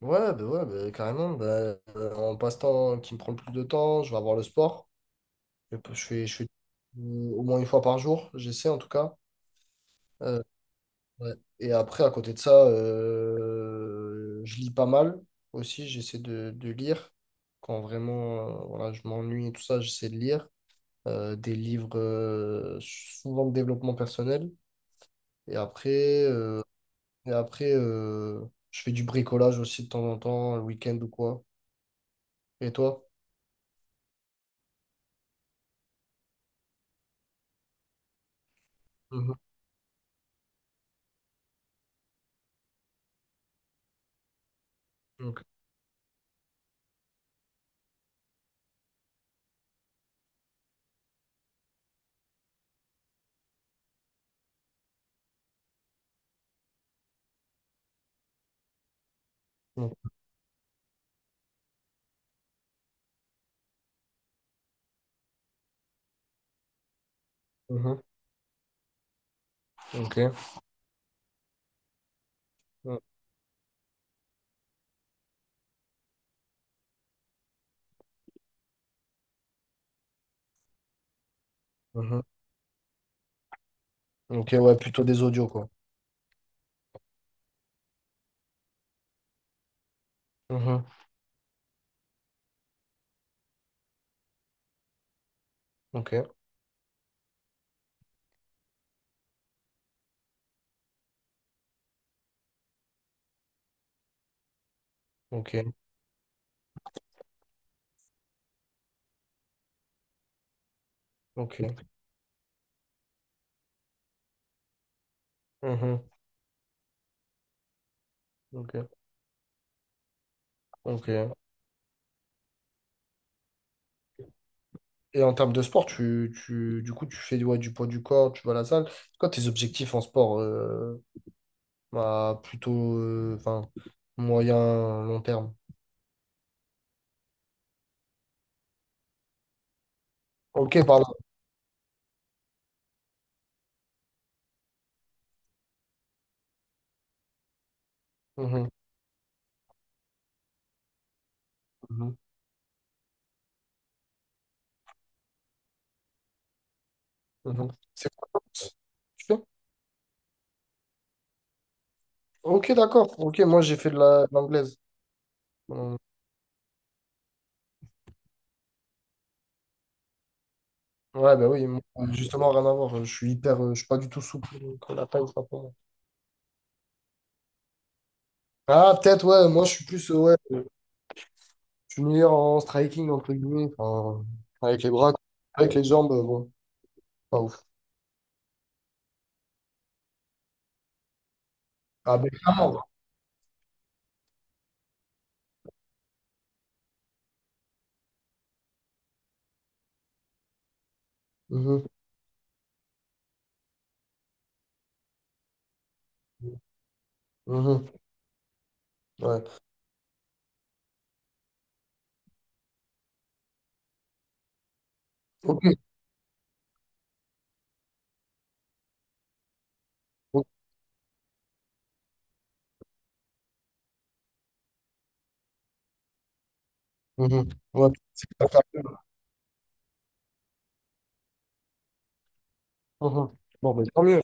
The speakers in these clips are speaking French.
Ouais, bah, carrément. Bah, en passe-temps qui me prend le plus de temps, je vais avoir le sport. Je fais au moins une fois par jour, j'essaie en tout cas. Euh, ouais. Et après, à côté de ça, je lis pas mal aussi. J'essaie de lire. Quand vraiment voilà, je m'ennuie et tout ça, j'essaie de lire des livres souvent de développement personnel. Et après, euh, et après, je fais du bricolage aussi de temps en temps, le week-end ou quoi. Et toi? Mhm. Ok. Mhm. Mhm. Ok. Mhm. Mhm. Ok, ouais, plutôt des audios, quoi. Mhm. Ok, ok, ok. Mhm. Ok, ok. Et en termes de sport, tu du coup, tu fais ouais, du poids du corps, tu vas à la salle. C'est quoi tes objectifs en sport, à plutôt enfin, moyen, long terme? Ok, pardon. Mhm. Mhm. Mhm. C'est quoi? Tu fais. Ok, d'accord. Ok, moi j'ai fait de l'anglaise. Ouais, bah oui, moi, justement, rien à voir. Je suis pas du tout souple, donc la taille, c'est pas pour moi. Ah, peut-être, ouais, moi, je suis plus, je suis meilleur en striking, entre guillemets, enfin, avec les bras, quoi. Avec les jambes, bon, pas ouf. Ah, ben, clairement, ouais. Mhm, mhm, ouais. Ok, ok, mhm, ouais, c'est pas grave. Mhm. Bon, ben, tant mieux.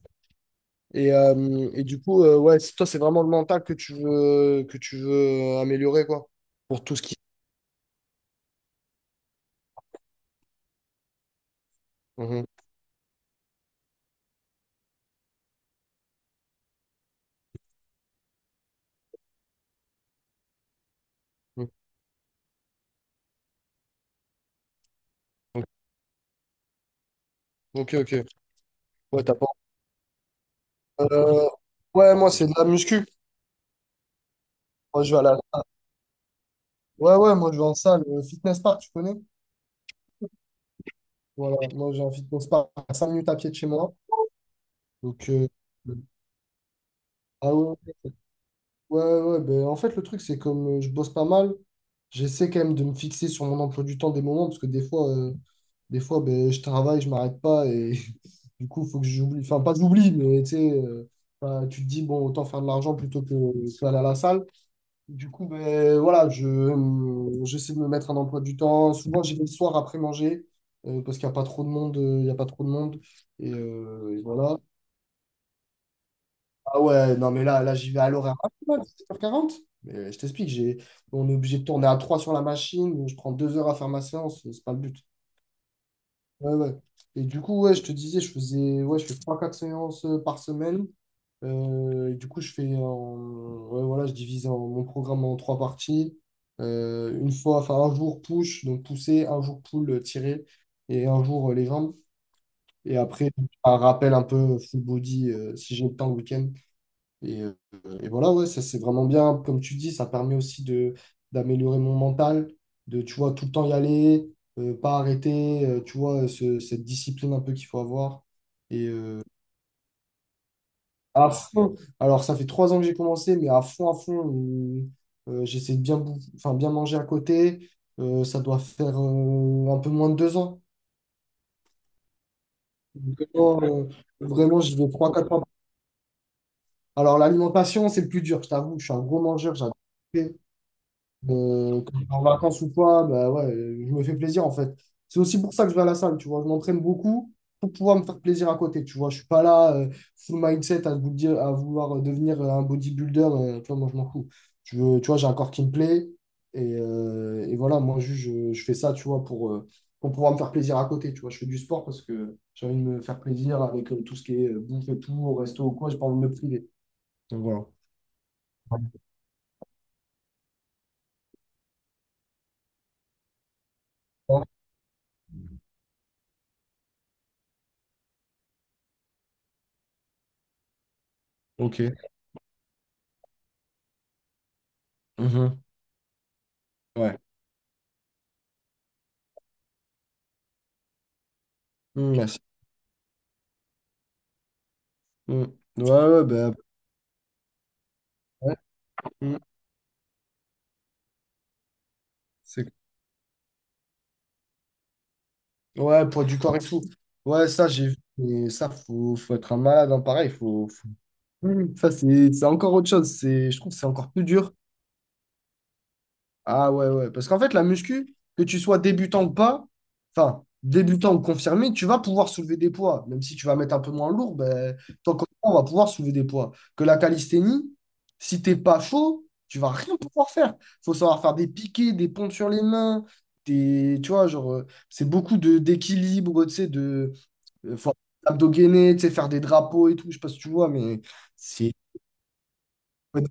Et du coup, ouais, toi, c'est vraiment le mental que tu veux, améliorer, quoi, pour tout ce qui. Mhm, mhm. Ok, ok. Ouais, t'as pas. Euh, ouais, moi, c'est de la muscu. Moi, je vais à la... Ouais, ouais, moi, je vais en salle, fitness park, tu connais? Voilà, moi, j'ai un fitness park à 5 minutes à pied de chez moi. Donc, ah ouais, ouais, ouais. Ouais, ben, en fait, le truc, c'est comme je bosse pas mal, j'essaie quand même de me fixer sur mon emploi du temps des moments, parce que des fois ben, je travaille, je m'arrête pas, et du coup, faut que j'oublie. Enfin, pas que j'oublie, mais tu sais, bah, tu te dis, bon, autant faire de l'argent plutôt que aller à la salle. Du coup, ben, voilà, j'essaie de me mettre un emploi du temps. Souvent, j'y vais le soir après manger parce qu'il n'y a pas trop de monde. Il y a pas trop de monde. Et voilà. Ah ouais, non, mais là j'y vais à l'horaire. Ah, c'est mal, 7h40. Mais je t'explique, on est obligé de tourner à 3 sur la machine. Donc, je prends 2 heures à faire ma séance. C'est pas le but. Ouais, ouais. Et du coup, ouais, je te disais, je fais trois quatre séances par semaine. Et du coup, ouais, voilà, je divise mon programme en trois parties. Une fois, enfin, un jour push, donc pousser, un jour pull, tirer, et un jour les jambes. Et après, un rappel un peu full body si j'ai le temps le week-end. Et, euh, et voilà, ouais, ça c'est vraiment bien. Comme tu dis, ça permet aussi de d'améliorer mon mental, de, tu vois, tout le temps y aller, pas arrêter, tu vois, cette discipline un peu qu'il faut avoir. Et euh, à fond, alors ça fait 3 ans que j'ai commencé, mais à fond, j'essaie de bien manger à côté. Ça doit faire un peu moins de 2 ans. Vraiment, euh, vraiment, j'y vais trois, quatre fois. Alors l'alimentation, c'est le plus dur, je t'avoue, je suis un gros mangeur, j'adore. Quand je vais en vacances ou quoi, bah ouais, je me fais plaisir en fait. C'est aussi pour ça que je vais à la salle, tu vois. Je m'entraîne beaucoup pour pouvoir me faire plaisir à côté, tu vois. Je suis pas là, full mindset à, vous dire, à vouloir devenir un bodybuilder, tu vois, moi je m'en fous. Je veux, tu vois, j'ai un corps qui me plaît et voilà, moi je fais ça, tu vois, pour pouvoir me faire plaisir à côté, tu vois. Je fais du sport parce que j'ai envie de me faire plaisir avec tout ce qui est bouffe et tout, au resto ou quoi, j'ai pas envie de me priver. Donc voilà. Ok. Mhm. Ouais. Mm, ouais, Mm. Ouais, ouais, bah, ouais. Mm. C'est- ouais, poids du corps et tout. Ouais, ça, j'ai vu. Mais ça, faut être un malade, hein, pareil. Faut. Mm. Ça, c'est encore autre chose. C'est, je trouve que c'est encore plus dur. Ah ouais, ouais. Parce qu'en fait, la muscu, que tu sois débutant ou pas, enfin, débutant ou confirmé, tu vas pouvoir soulever des poids. Même si tu vas mettre un peu moins lourd, ben, tant qu'on on va pouvoir soulever des poids. Que la calisthénie, si t'es pas chaud, tu vas rien pouvoir faire. Faut savoir faire des piquets, des pompes sur les mains, des, tu vois, genre, c'est beaucoup de d'équilibre, tu sais, faut abdos gainés, tu sais, faire des drapeaux et tout, je sais pas si tu vois, mais c'est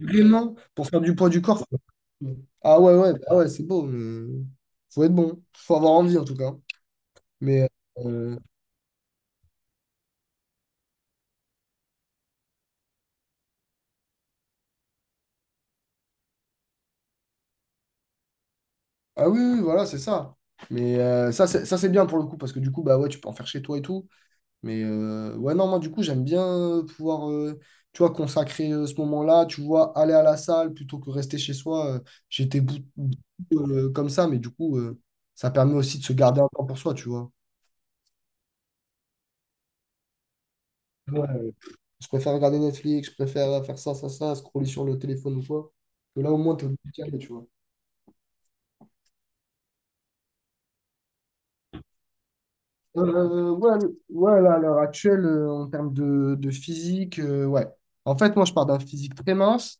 vraiment, pour faire du poids du corps, Mm. Ah ouais, ouais, bah ouais, c'est beau, mais faut être bon. Faut avoir envie en tout cas. Mais euh, ah oui, oui, voilà, c'est ça. Mais ça, c'est bien pour le coup, parce que du coup, bah ouais, tu peux en faire chez toi et tout. Mais ouais, non, moi du coup, j'aime bien pouvoir, tu vois, consacrer ce moment-là, tu vois, aller à la salle plutôt que rester chez soi. J'étais bou- bou- Comme ça, mais du coup, ça permet aussi de se garder un temps pour soi, tu vois. Ouais, ouais. Je préfère regarder Netflix, je préfère faire ça, ça, ça, scroller sur le téléphone ou quoi. Que là, au moins, t'es obligé d'y aller, tu vois. Ouais, ouais, là, à l'heure actuelle, en termes de physique, ouais. En fait, moi, je pars d'un physique très mince,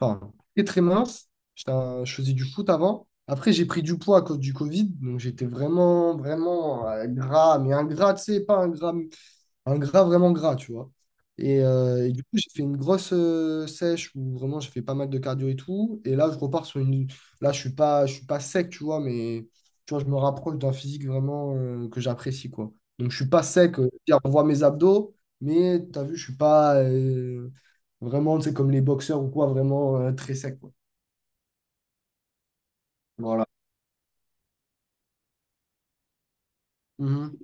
enfin, très très mince. J'étais je faisais du foot avant. Après, j'ai pris du poids à cause du Covid, donc j'étais vraiment, vraiment gras, mais un gras, tu sais, pas un gras vraiment gras, tu vois. Et du coup, j'ai fait une grosse sèche où vraiment j'ai fait pas mal de cardio et tout. Et là, je repars sur une. Là, je suis pas sec, tu vois, mais tu vois, je me rapproche d'un physique vraiment que j'apprécie, quoi. Donc, je suis pas sec. C'est-à-dire, on voit mes abdos, mais tu as vu, je suis pas vraiment, tu sais, comme les boxeurs ou quoi, vraiment très sec, quoi. Voilà. Mhm.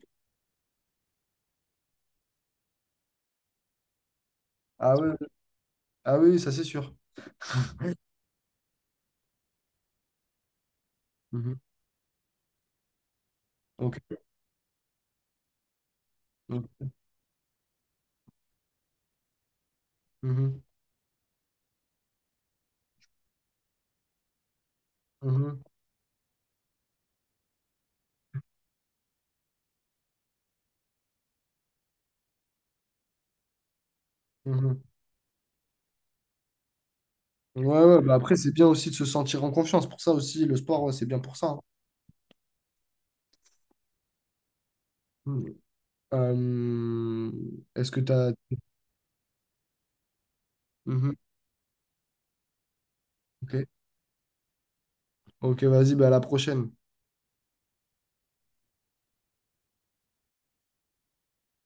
Ah oui, ah oui, ça c'est sûr. Mhm. Ok. Mhm. Mhm. Mhm. Mhm. Ouais, ouais, bah après, c'est bien aussi de se sentir en confiance. Pour ça aussi, le sport, ouais, c'est bien pour ça, hein. Mm. Euh, Est-ce que tu as... Ok, ok, vas-y, bah, à la prochaine.